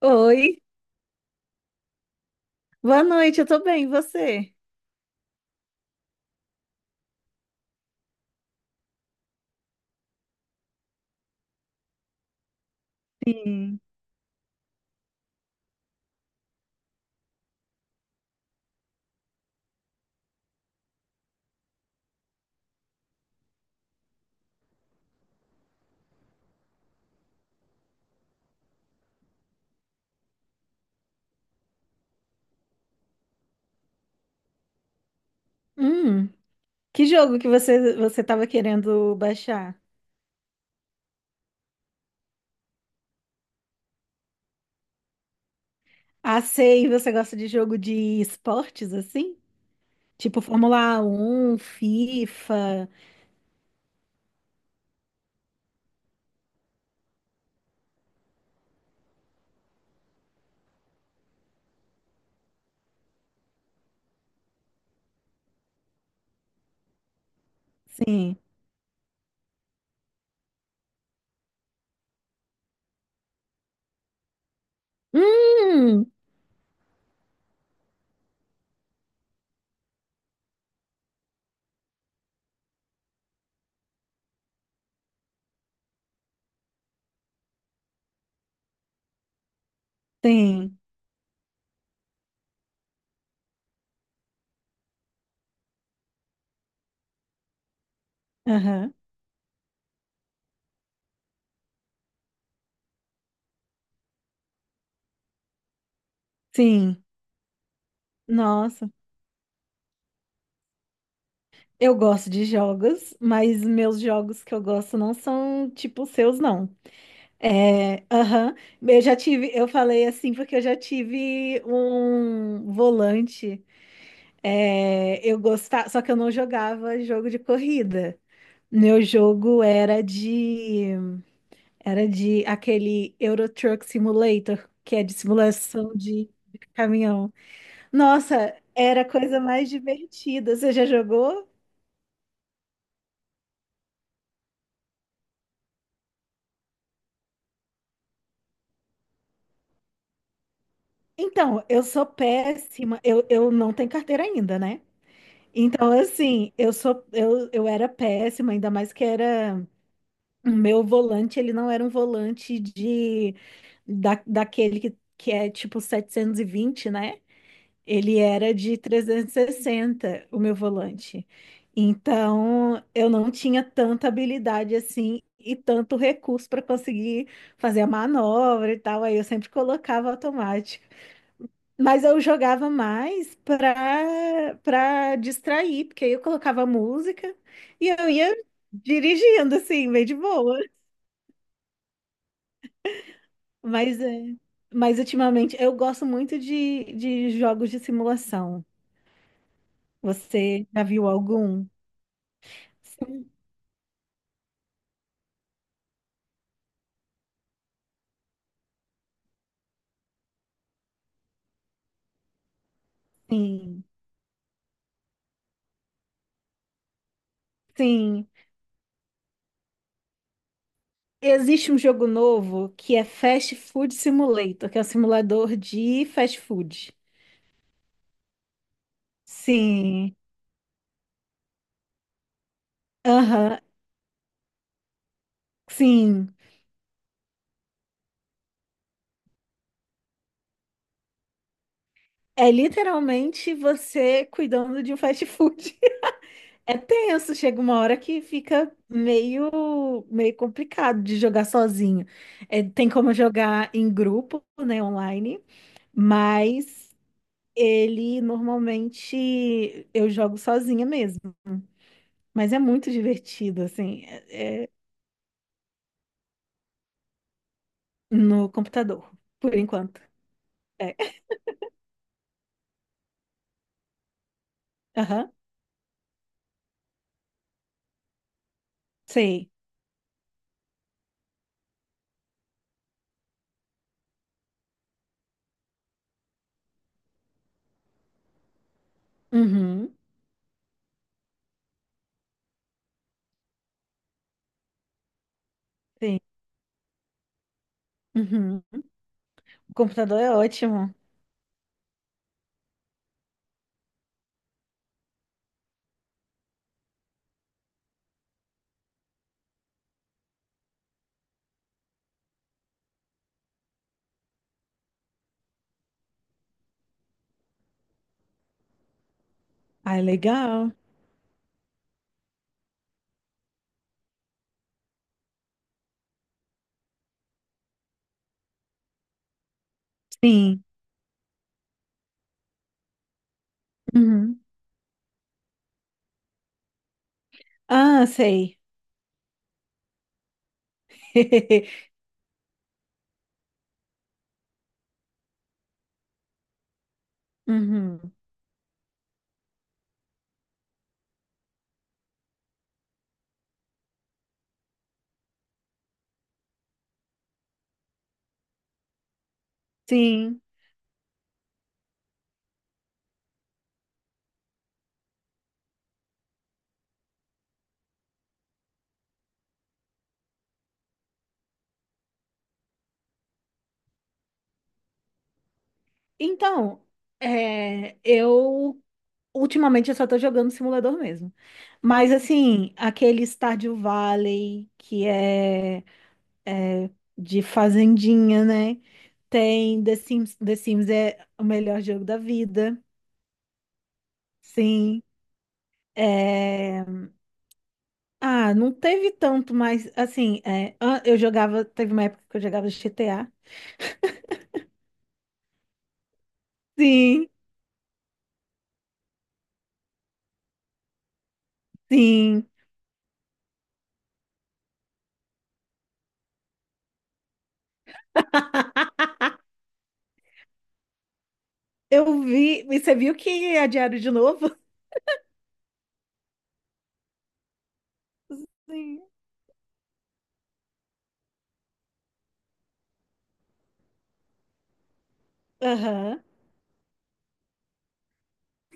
Oi, boa noite, eu tô bem, e você? Sim. Hum, que jogo que você tava querendo baixar? Ah, sei, você gosta de jogo de esportes assim? Tipo Fórmula um FIFA, sim. Hum, sim. Aham. Sim. Nossa, eu gosto de jogos, mas meus jogos que eu gosto não são tipo os seus não. É, aham. Eu já tive, eu falei assim porque eu já tive um volante. É, eu gostava, só que eu não jogava jogo de corrida. Meu jogo era era de aquele Euro Truck Simulator, que é de simulação de caminhão. Nossa, era a coisa mais divertida. Você já jogou? Então, eu sou péssima. Eu não tenho carteira ainda, né? Então, assim, eu sou eu era péssima, ainda mais que era o meu volante, ele não era um volante daquele que é tipo 720, né? Ele era de 360, o meu volante. Então, eu não tinha tanta habilidade assim e tanto recurso para conseguir fazer a manobra e tal. Aí eu sempre colocava automático. Mas eu jogava mais para distrair, porque aí eu colocava música e eu ia dirigindo, assim, bem de boa. Mas, é, mas ultimamente eu gosto muito de jogos de simulação. Você já viu algum? Sim, sim, sim. Existe um jogo novo que é Fast Food Simulator, que é um simulador de fast food. Sim. Aham, sim. É literalmente você cuidando de um fast food. É tenso, chega uma hora que fica meio, meio complicado de jogar sozinho. É, tem como jogar em grupo, né, online, mas ele normalmente eu jogo sozinha mesmo. Mas é muito divertido, assim, é no computador, por enquanto. É. Aham, sei. Uhum, sim. Uhum. O computador é ótimo. Ah, é legal. Sim. Uhum. Ah, sei. Uhum. Sim. Então, é, eu ultimamente eu só tô jogando simulador mesmo. Mas assim, aquele Stardew Valley que é, é de fazendinha, né? Tem The Sims, The Sims é o melhor jogo da vida. Sim. É, ah, não teve tanto, mas assim, é, eu jogava, teve uma época que eu jogava GTA. Sim, sim. Eu vi. E você viu que é diário de novo? Sim. Aham.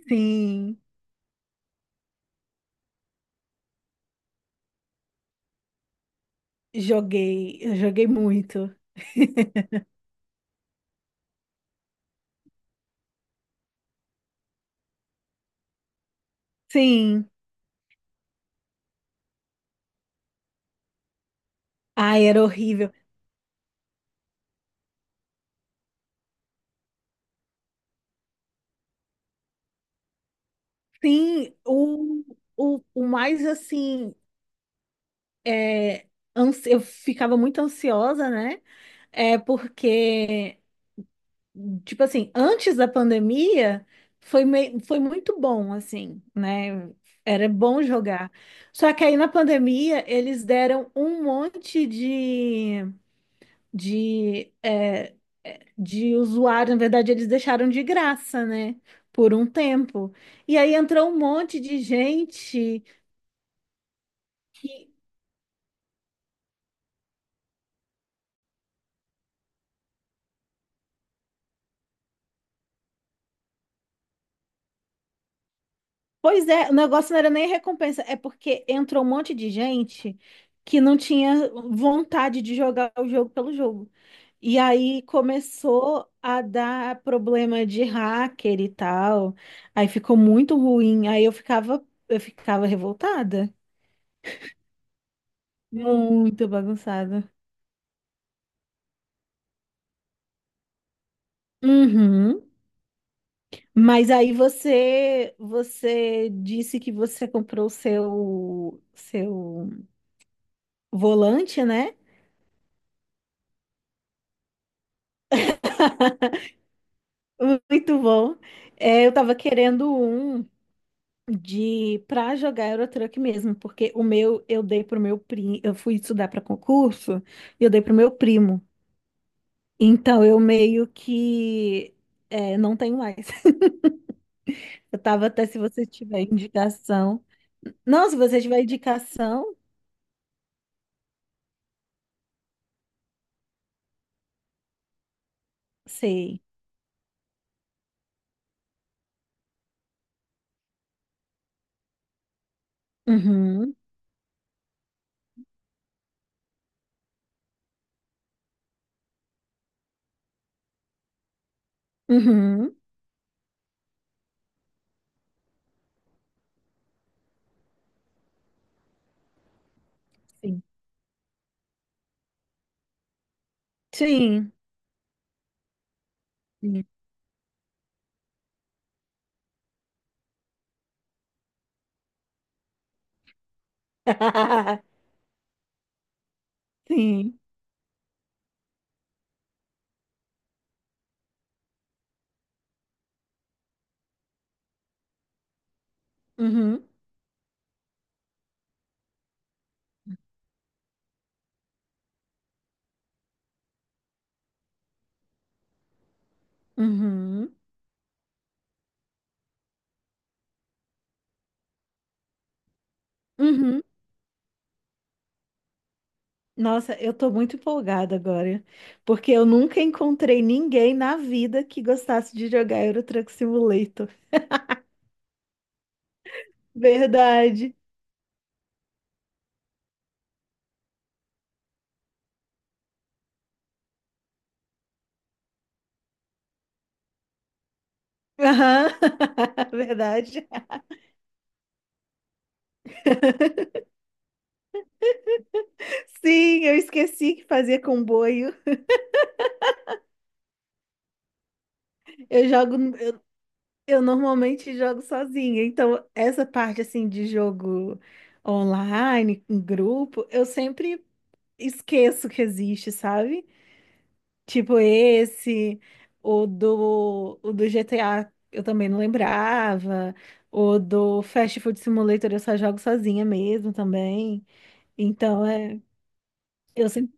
Sim. Joguei. Eu joguei muito. Sim. Ai, era horrível. Sim, o mais assim. É, eu ficava muito ansiosa, né? É porque, tipo assim, antes da pandemia, foi, foi muito bom, assim, né? Era bom jogar. Só que aí na pandemia, eles deram um monte é, é, de usuário, na verdade, eles deixaram de graça, né? Por um tempo. E aí entrou um monte de gente que. Pois é, o negócio não era nem recompensa, é porque entrou um monte de gente que não tinha vontade de jogar o jogo pelo jogo. E aí começou a dar problema de hacker e tal. Aí ficou muito ruim. Aí eu ficava revoltada, muito bagunçada. Uhum. Mas aí você disse que você comprou o seu volante, né? Muito bom. É, eu tava querendo um de para jogar Euro Truck mesmo, porque o meu eu dei pro meu primo, eu fui estudar para concurso e eu dei pro meu primo. Então eu meio que é, não tenho mais. Eu tava até se você tiver indicação. Não, se você tiver indicação, sei. Uhum. Uhum. Sim, sim, sim. Sim. Uhum. Uhum. Uhum. Nossa, eu tô muito empolgada agora, porque eu nunca encontrei ninguém na vida que gostasse de jogar Euro Truck Simulator. Verdade. Aham. Verdade. Sim, eu esqueci que fazia comboio. Eu jogo, eu normalmente jogo sozinha, então essa parte assim de jogo online, em grupo, eu sempre esqueço que existe, sabe? Tipo esse, o do GTA eu também não lembrava, o do Fast Food Simulator eu só jogo sozinha mesmo também. Então é, eu sempre.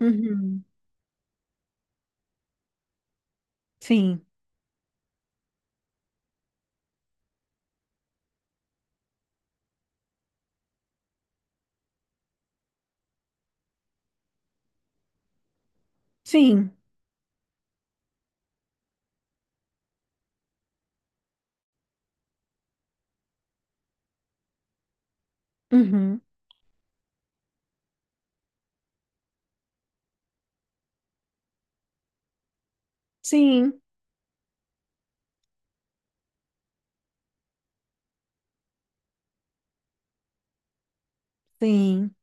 Uhum. Sim, sim, uhum. Sim, sim,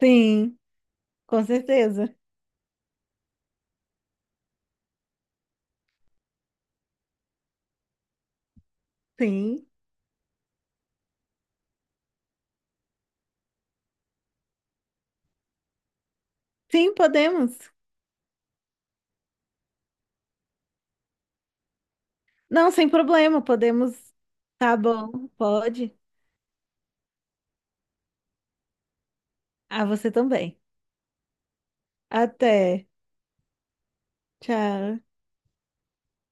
sim, com certeza. Sim, sim, podemos. Não, sem problema, podemos. Tá bom, pode. Ah, você também. Até. Tchau.